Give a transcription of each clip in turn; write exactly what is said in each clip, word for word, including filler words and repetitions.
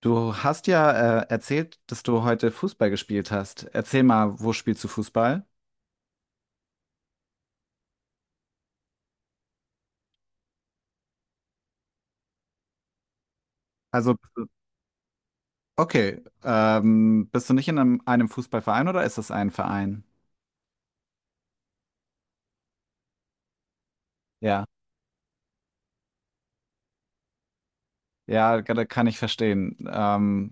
Du hast ja äh, erzählt, dass du heute Fußball gespielt hast. Erzähl mal, wo spielst du Fußball? Also, okay, ähm, bist du nicht in einem, einem Fußballverein oder ist das ein Verein? Ja, ja, da kann ich verstehen. Ähm,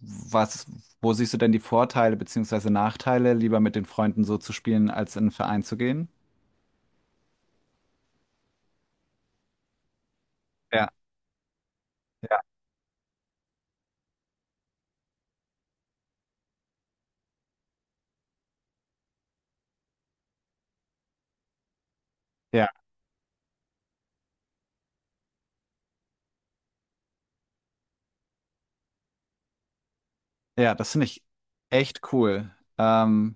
was, wo siehst du denn die Vorteile beziehungsweise Nachteile, lieber mit den Freunden so zu spielen, als in einen Verein zu gehen? Ja, ja, ja, ja, das finde ich echt cool. Ähm,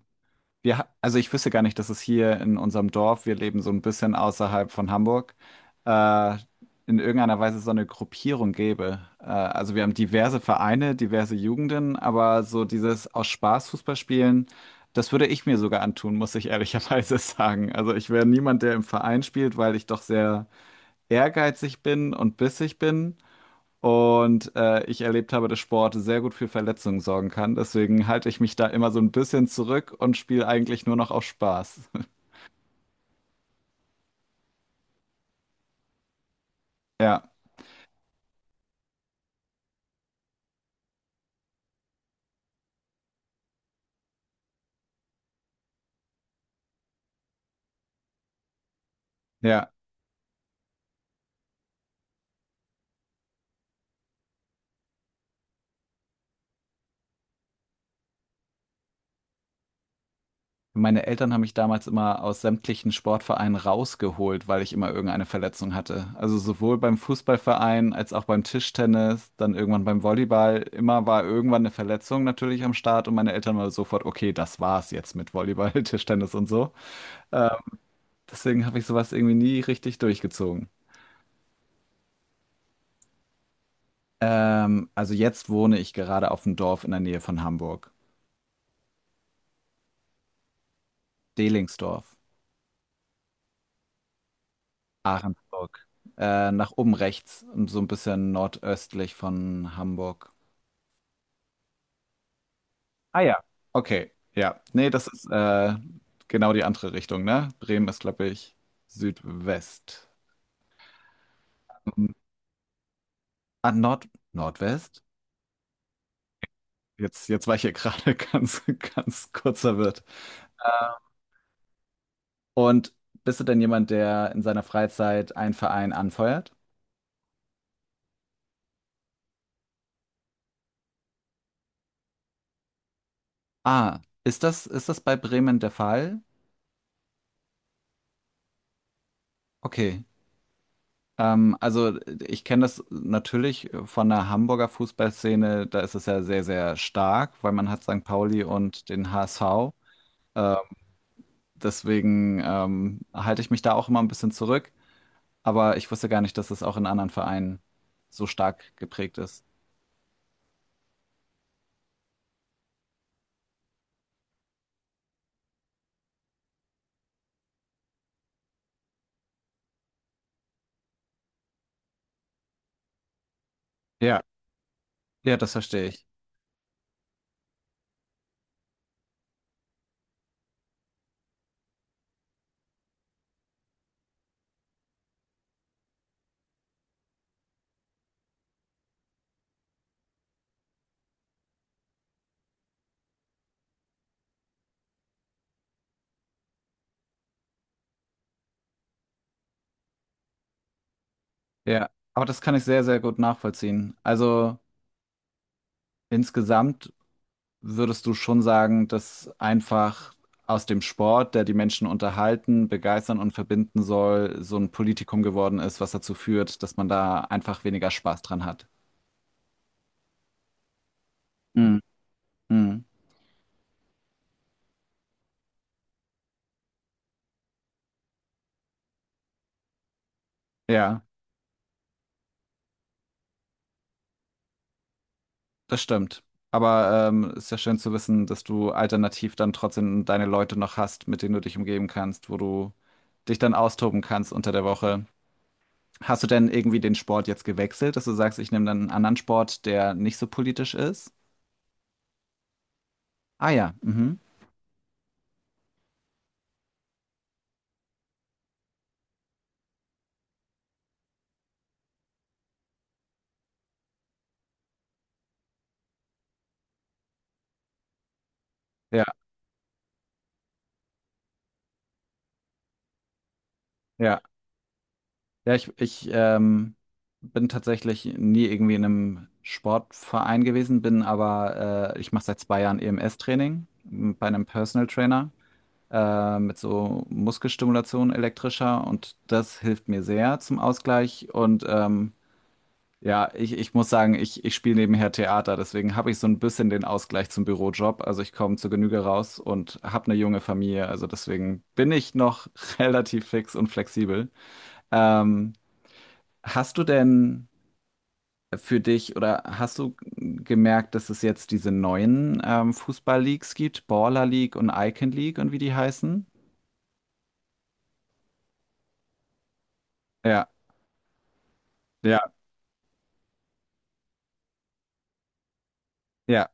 Wir, ha- also ich wüsste gar nicht, dass es hier in unserem Dorf, wir leben so ein bisschen außerhalb von Hamburg, äh, in irgendeiner Weise so eine Gruppierung gäbe. Äh, also wir haben diverse Vereine, diverse Jugenden, aber so dieses aus Spaß Fußball spielen, das würde ich mir sogar antun, muss ich ehrlicherweise sagen. Also ich wäre niemand, der im Verein spielt, weil ich doch sehr ehrgeizig bin und bissig bin. Und äh, ich erlebt habe, dass Sport sehr gut für Verletzungen sorgen kann. Deswegen halte ich mich da immer so ein bisschen zurück und spiele eigentlich nur noch auf Spaß. Ja, ja. Meine Eltern haben mich damals immer aus sämtlichen Sportvereinen rausgeholt, weil ich immer irgendeine Verletzung hatte. Also sowohl beim Fußballverein als auch beim Tischtennis, dann irgendwann beim Volleyball. Immer war irgendwann eine Verletzung natürlich am Start und meine Eltern waren sofort, okay, das war's jetzt mit Volleyball, Tischtennis und so. Deswegen habe ich sowas irgendwie nie richtig durchgezogen. Ähm, also jetzt wohne ich gerade auf dem Dorf in der Nähe von Hamburg. Delingsdorf, Ahrensburg. Äh, nach oben rechts, und so ein bisschen nordöstlich von Hamburg. Ah ja. Okay, ja. Nee, das ist äh, genau die andere Richtung, ne? Bremen ist, glaube ich, Südwest. Mhm. Ah, Nord Nordwest? Jetzt, jetzt war ich hier gerade ganz, ganz kurz verwirrt. Und bist du denn jemand, der in seiner Freizeit einen Verein anfeuert? Ah, ist das, ist das bei Bremen der Fall? Okay. Ähm, also ich kenne das natürlich von der Hamburger Fußballszene, da ist es ja sehr, sehr stark, weil man hat Sankt Pauli und den H S V. Ähm, deswegen ähm, halte ich mich da auch immer ein bisschen zurück. Aber ich wusste gar nicht, dass es auch in anderen Vereinen so stark geprägt ist. Ja, ja, das verstehe ich. Ja, aber das kann ich sehr, sehr gut nachvollziehen. Also insgesamt würdest du schon sagen, dass einfach aus dem Sport, der die Menschen unterhalten, begeistern und verbinden soll, so ein Politikum geworden ist, was dazu führt, dass man da einfach weniger Spaß dran hat? Mhm. Mhm. Ja, das stimmt. Aber ähm, ist ja schön zu wissen, dass du alternativ dann trotzdem deine Leute noch hast, mit denen du dich umgeben kannst, wo du dich dann austoben kannst unter der Woche. Hast du denn irgendwie den Sport jetzt gewechselt, dass du sagst, ich nehme dann einen anderen Sport, der nicht so politisch ist? Ah ja, mhm. Ja, ja. Ja, ich, ich ähm, bin tatsächlich nie irgendwie in einem Sportverein gewesen, bin aber, äh, ich mache seit zwei Jahren E M S-Training m, S-Training m, bei einem Personal Trainer äh, mit so Muskelstimulation elektrischer und das hilft mir sehr zum Ausgleich. Und ähm, ja, ich, ich muss sagen, ich, ich spiele nebenher Theater, deswegen habe ich so ein bisschen den Ausgleich zum Bürojob. Also ich komme zur Genüge raus und habe eine junge Familie, also deswegen bin ich noch relativ fix und flexibel. Ähm, Hast du denn für dich oder hast du gemerkt, dass es jetzt diese neuen ähm, Fußball-Leagues gibt, Baller League und Icon League und wie die heißen? Ja, ja, ja,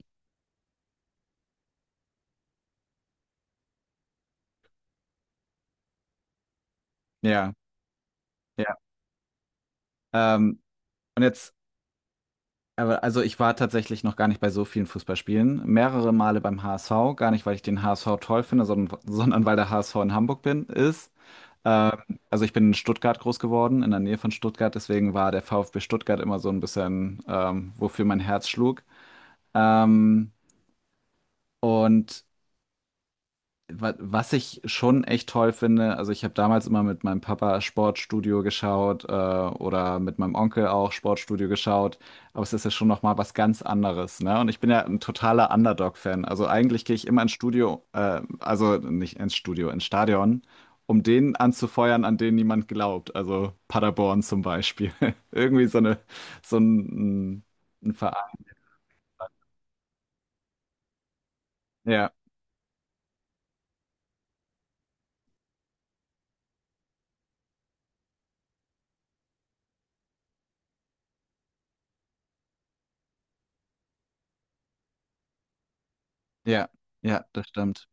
ja, ja. Ähm, und jetzt, aber also ich war tatsächlich noch gar nicht bei so vielen Fußballspielen, mehrere Male beim H S V, gar nicht, weil ich den H S V toll finde, sondern, sondern weil der H S V in Hamburg bin, ist. Ähm, also ich bin in Stuttgart groß geworden, in der Nähe von Stuttgart, deswegen war der VfB Stuttgart immer so ein bisschen, ähm, wofür mein Herz schlug. Ähm, und wa was ich schon echt toll finde, also ich habe damals immer mit meinem Papa Sportstudio geschaut, äh, oder mit meinem Onkel auch Sportstudio geschaut, aber es ist ja schon noch mal was ganz anderes, ne? Und ich bin ja ein totaler Underdog-Fan. Also eigentlich gehe ich immer ins Studio, äh, also nicht ins Studio, ins Stadion, um den anzufeuern, an den niemand glaubt. Also Paderborn zum Beispiel. Irgendwie so eine, so ein, ein Verein. Ja, ja, ja, das stimmt.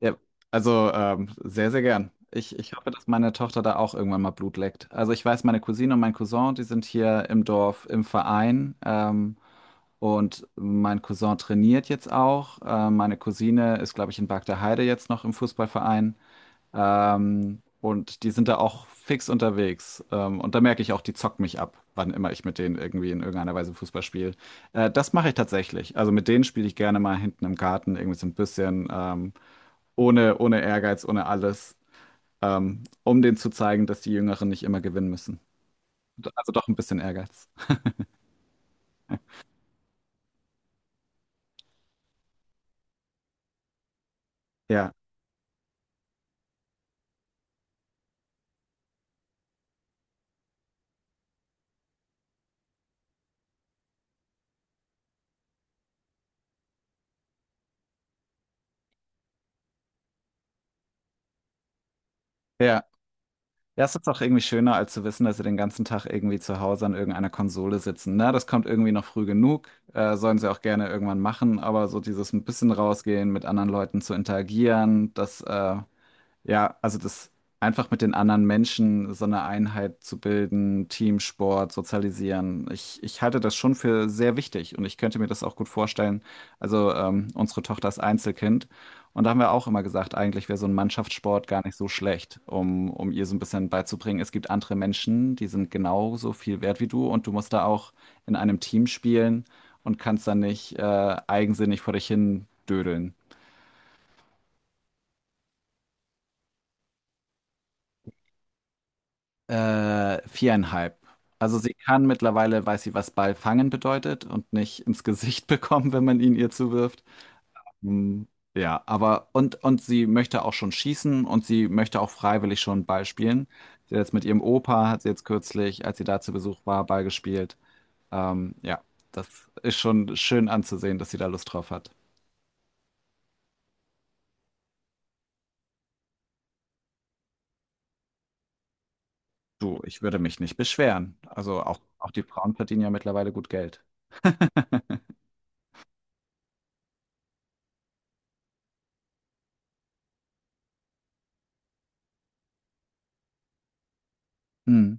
Ja, also ähm, sehr, sehr gern. Ich, ich hoffe, dass meine Tochter da auch irgendwann mal Blut leckt. Also ich weiß, meine Cousine und mein Cousin, die sind hier im Dorf im Verein. Ähm, und mein Cousin trainiert jetzt auch. Äh, meine Cousine ist, glaube ich, in Bargteheide jetzt noch im Fußballverein. Ähm, und die sind da auch fix unterwegs. Ähm, und da merke ich auch, die zocken mich ab, wann immer ich mit denen irgendwie in irgendeiner Weise Fußball spiele. Äh, das mache ich tatsächlich. Also mit denen spiele ich gerne mal hinten im Garten irgendwie so ein bisschen. Ähm, ohne, ohne Ehrgeiz, ohne alles, ähm, um denen zu zeigen, dass die Jüngeren nicht immer gewinnen müssen. Also doch ein bisschen Ehrgeiz. Ja, ja. Ja, es ist auch irgendwie schöner, als zu wissen, dass sie den ganzen Tag irgendwie zu Hause an irgendeiner Konsole sitzen. Na, das kommt irgendwie noch früh genug. Äh, sollen sie auch gerne irgendwann machen, aber so dieses ein bisschen rausgehen, mit anderen Leuten zu interagieren, das äh, ja, also das einfach mit den anderen Menschen so eine Einheit zu bilden, Teamsport, sozialisieren. Ich, ich halte das schon für sehr wichtig und ich könnte mir das auch gut vorstellen. Also ähm, unsere Tochter ist Einzelkind und da haben wir auch immer gesagt, eigentlich wäre so ein Mannschaftssport gar nicht so schlecht, um, um ihr so ein bisschen beizubringen. Es gibt andere Menschen, die sind genauso viel wert wie du und du musst da auch in einem Team spielen und kannst dann nicht äh, eigensinnig vor dich hin dödeln. Äh, viereinhalb. Also sie kann mittlerweile, weiß sie, was Ball fangen bedeutet und nicht ins Gesicht bekommen, wenn man ihn ihr zuwirft. Hm, ja, aber und, und sie möchte auch schon schießen und sie möchte auch freiwillig schon Ball spielen. Sie hat jetzt mit ihrem Opa, hat sie jetzt kürzlich, als sie da zu Besuch war, Ball gespielt. Ähm, ja, das ist schon schön anzusehen, dass sie da Lust drauf hat. Du, ich würde mich nicht beschweren. Also auch, auch die Frauen verdienen ja mittlerweile gut Geld. Hm.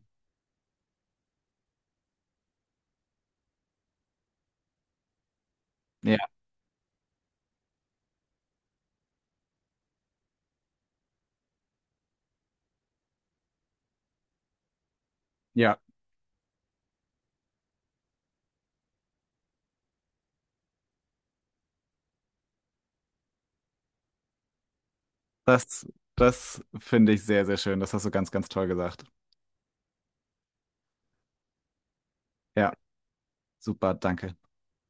Ja, ja. Das, das finde ich sehr, sehr schön. Das hast du ganz, ganz toll gesagt. Ja, super, danke.